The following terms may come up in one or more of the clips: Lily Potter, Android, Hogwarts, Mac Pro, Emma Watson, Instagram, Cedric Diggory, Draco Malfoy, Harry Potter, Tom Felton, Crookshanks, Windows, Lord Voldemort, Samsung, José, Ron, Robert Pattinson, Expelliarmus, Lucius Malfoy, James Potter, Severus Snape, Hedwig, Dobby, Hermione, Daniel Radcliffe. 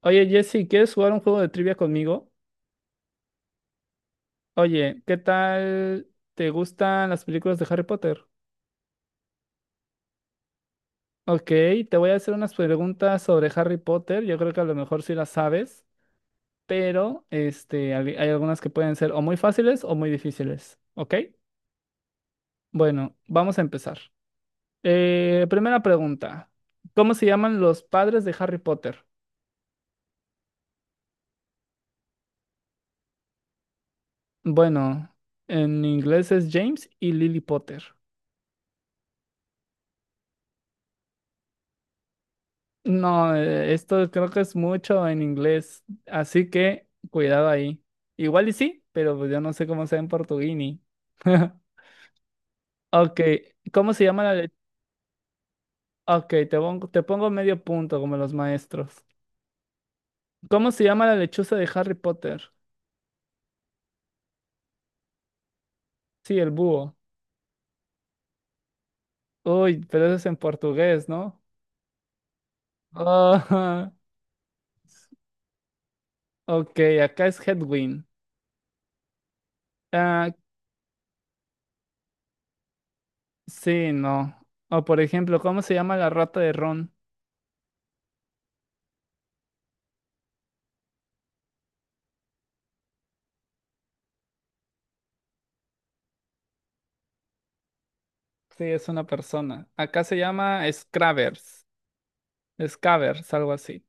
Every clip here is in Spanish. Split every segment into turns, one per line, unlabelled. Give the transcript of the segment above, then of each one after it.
Oye, Jesse, ¿quieres jugar un juego de trivia conmigo? Oye, ¿qué tal te gustan las películas de Harry Potter? Ok, te voy a hacer unas preguntas sobre Harry Potter. Yo creo que a lo mejor sí las sabes, pero hay algunas que pueden ser o muy fáciles o muy difíciles. ¿Ok? Bueno, vamos a empezar. Primera pregunta. ¿Cómo se llaman los padres de Harry Potter? Bueno, en inglés es James y Lily Potter. No, esto creo que es mucho en inglés, así que cuidado ahí. Igual y sí, pero pues yo no sé cómo sea en portuguini. Ok, ¿cómo se llama la lechuza? Ok, te pongo medio punto como los maestros. ¿Cómo se llama la lechuza de Harry Potter? Sí, el búho. Uy, pero eso es en portugués, ¿no? Ah, ok, acá es Hedwig. Ah, sí, no. O por ejemplo, ¿cómo se llama la rata de Ron? Sí, es una persona. Acá se llama Scravers. Scavers, algo así.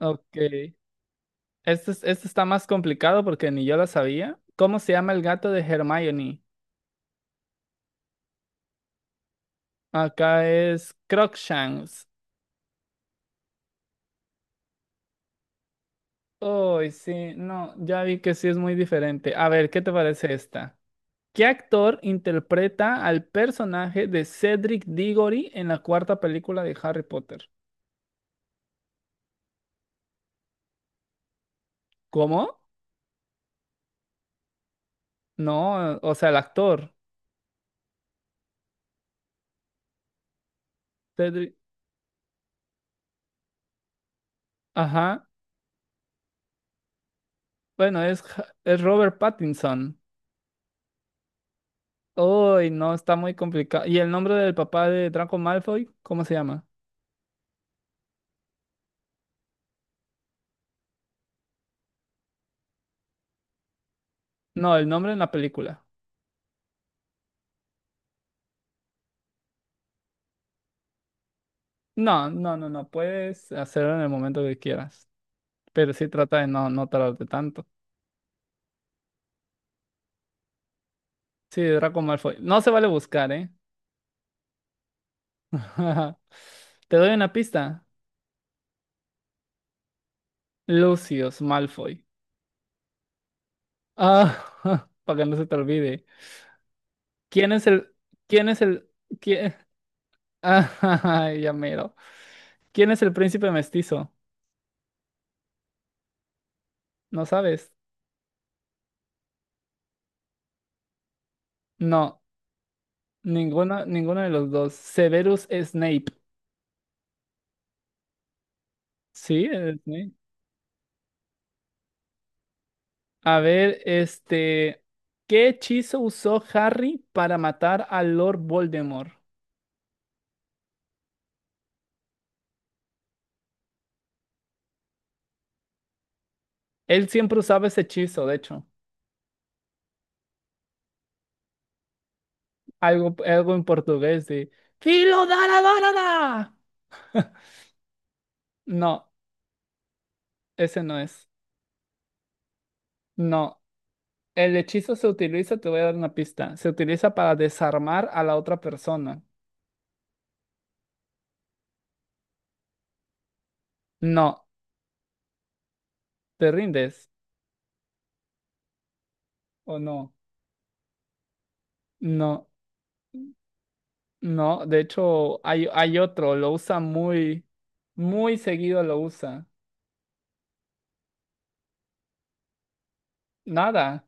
Ok. Este está más complicado porque ni yo lo sabía. ¿Cómo se llama el gato de Hermione? Acá es Crookshanks. Oh, sí, no, ya vi que sí es muy diferente. A ver, ¿qué te parece esta? ¿Qué actor interpreta al personaje de Cedric Diggory en la cuarta película de Harry Potter? ¿Cómo? No, o sea, el actor. Cedric. Ajá. Bueno, es Robert Pattinson. Uy, no, está muy complicado. ¿Y el nombre del papá de Draco Malfoy? ¿Cómo se llama? No, el nombre en la película. No, no, no, no. Puedes hacerlo en el momento que quieras. Pero sí trata de no tardarte tanto. Sí, Draco Malfoy. No se vale buscar, ¿eh? Te doy una pista. Lucius Malfoy. Ah, para que no se te olvide. ¿Quién es el... ¿Quién es el... ¿Quién... Ah, ya mero. ¿Quién es el príncipe mestizo? ¿No sabes? No, ninguno, ninguno de los dos. Severus Snape. Sí, es Snape. A ver, este, ¿qué hechizo usó Harry para matar a Lord Voldemort? Él siempre usaba ese hechizo, de hecho. Algo, algo en portugués de Filo da la da, da, da". No, ese no es. No. El hechizo se utiliza, te voy a dar una pista. Se utiliza para desarmar a la otra persona. No. ¿Te rindes o no? No. No, de hecho hay otro, lo usa muy, muy seguido lo usa. Nada,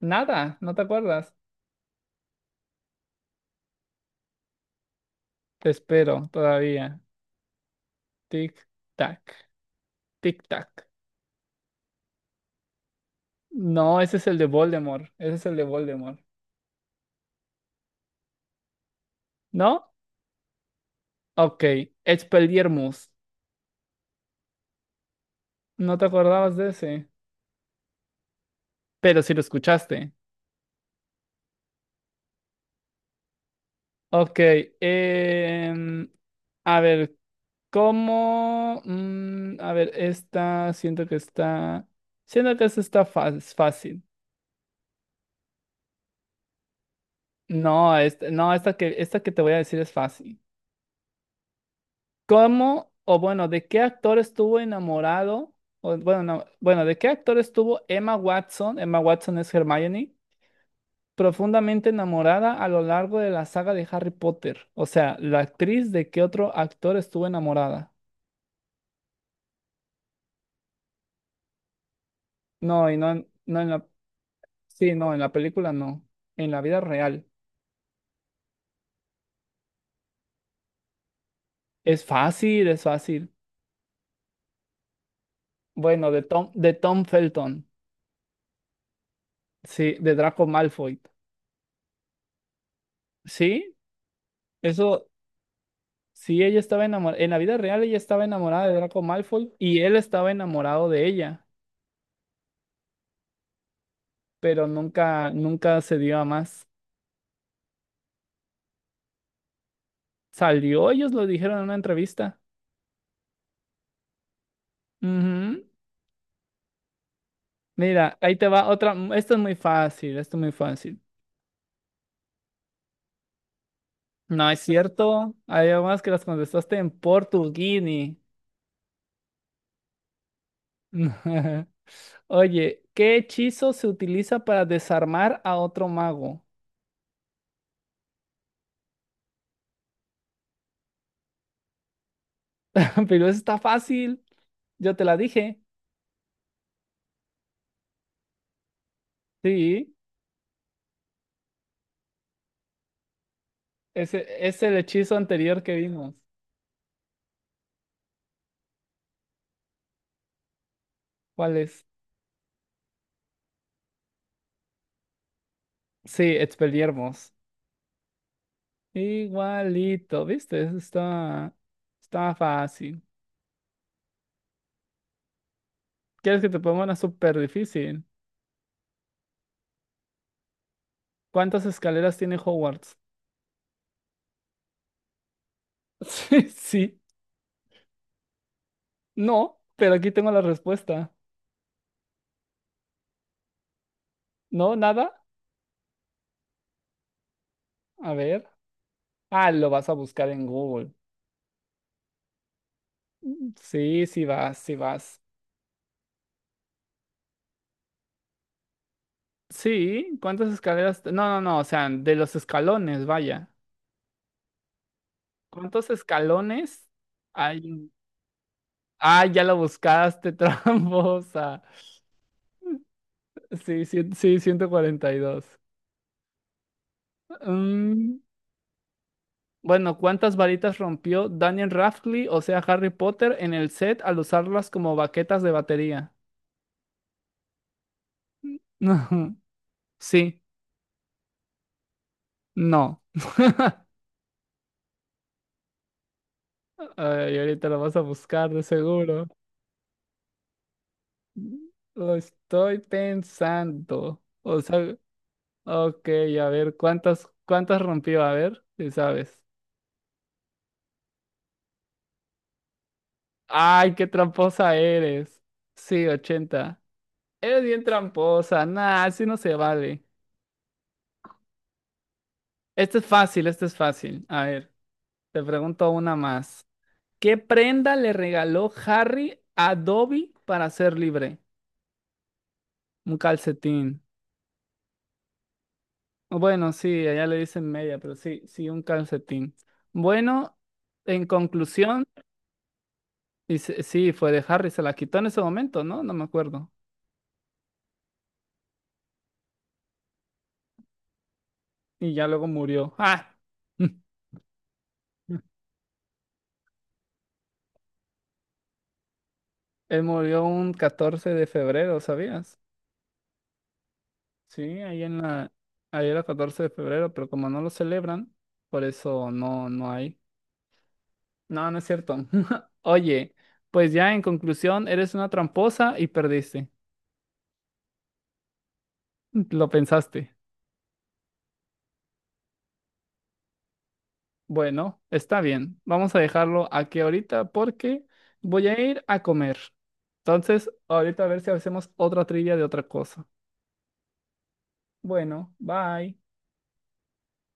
nada, ¿no te acuerdas? Te espero todavía. Tic, tac, tic, tac. No, ese es el de Voldemort, ese es el de Voldemort. ¿No? Ok, Expelliarmus. ¿No te acordabas de ese? Pero sí lo escuchaste. Ok, em, a ver, ¿cómo? A ver, esta, siento que está, siento que esta es fácil. No, esta, no, esta que te voy a decir es fácil. ¿Cómo, o bueno, de qué actor estuvo enamorado? O, bueno, no, bueno, ¿de qué actor estuvo Emma Watson? Emma Watson es Hermione, profundamente enamorada a lo largo de la saga de Harry Potter. O sea, ¿la actriz de qué otro actor estuvo enamorada? No, y no, no, sí, no, en la película no. En la vida real. Es fácil, es fácil. Bueno, de Tom Felton. Sí, de Draco Malfoy. Sí, eso, sí, ella estaba enamorada. En la vida real ella estaba enamorada de Draco Malfoy y él estaba enamorado de ella, pero nunca, nunca se dio a más. Salió, ellos lo dijeron en una entrevista. Ujú. Mira, ahí te va otra. Esto es muy fácil, esto es muy fácil. No es cierto. Hay más que las contestaste en portuguini. Oye, ¿qué hechizo se utiliza para desarmar a otro mago? Pero eso está fácil. Yo te la dije. Sí, ese es el hechizo anterior que vimos. ¿Cuál es? Sí, Expelliarmus. Igualito, ¿viste? Eso está, está fácil. ¿Quieres que te ponga una súper difícil? ¿Cuántas escaleras tiene Hogwarts? Sí, sí. No, pero aquí tengo la respuesta. ¿No? ¿Nada? A ver. Ah, lo vas a buscar en Google. Sí, sí vas, sí vas. Sí, ¿cuántas escaleras? No, no, no, o sea, de los escalones, vaya. ¿Cuántos escalones hay? Ah, ya lo buscaste, tramposa. Sí, sí, sí, 142. Mm, bueno, ¿cuántas varitas rompió Daniel Radcliffe, o sea, Harry Potter, en el set al usarlas como baquetas de batería? Sí, no. Ay, ahorita lo vas a buscar, de seguro. Lo estoy pensando. O sea, ok, a ver, ¿cuántas rompió? A ver, si sabes. ¡Ay, qué tramposa eres! Sí, 80. Eres bien tramposa. Nah, así no se vale. Este es fácil, este es fácil. A ver, te pregunto una más. ¿Qué prenda le regaló Harry a Dobby para ser libre? Un calcetín. Bueno, sí, allá le dicen media, pero sí, sí, un calcetín. Bueno, en conclusión, sí, fue de Harry, se la quitó en ese momento, ¿no? No me acuerdo. Y ya luego murió. ¡Ah! Él murió un 14 de febrero, ¿sabías? Sí, ahí en la, ahí era 14 de febrero, pero como no lo celebran, por eso no, no hay. No, no es cierto. Oye, pues ya en conclusión, eres una tramposa y perdiste. Lo pensaste. Bueno, está bien. Vamos a dejarlo aquí ahorita porque voy a ir a comer. Entonces, ahorita a ver si hacemos otra trivia de otra cosa. Bueno, bye.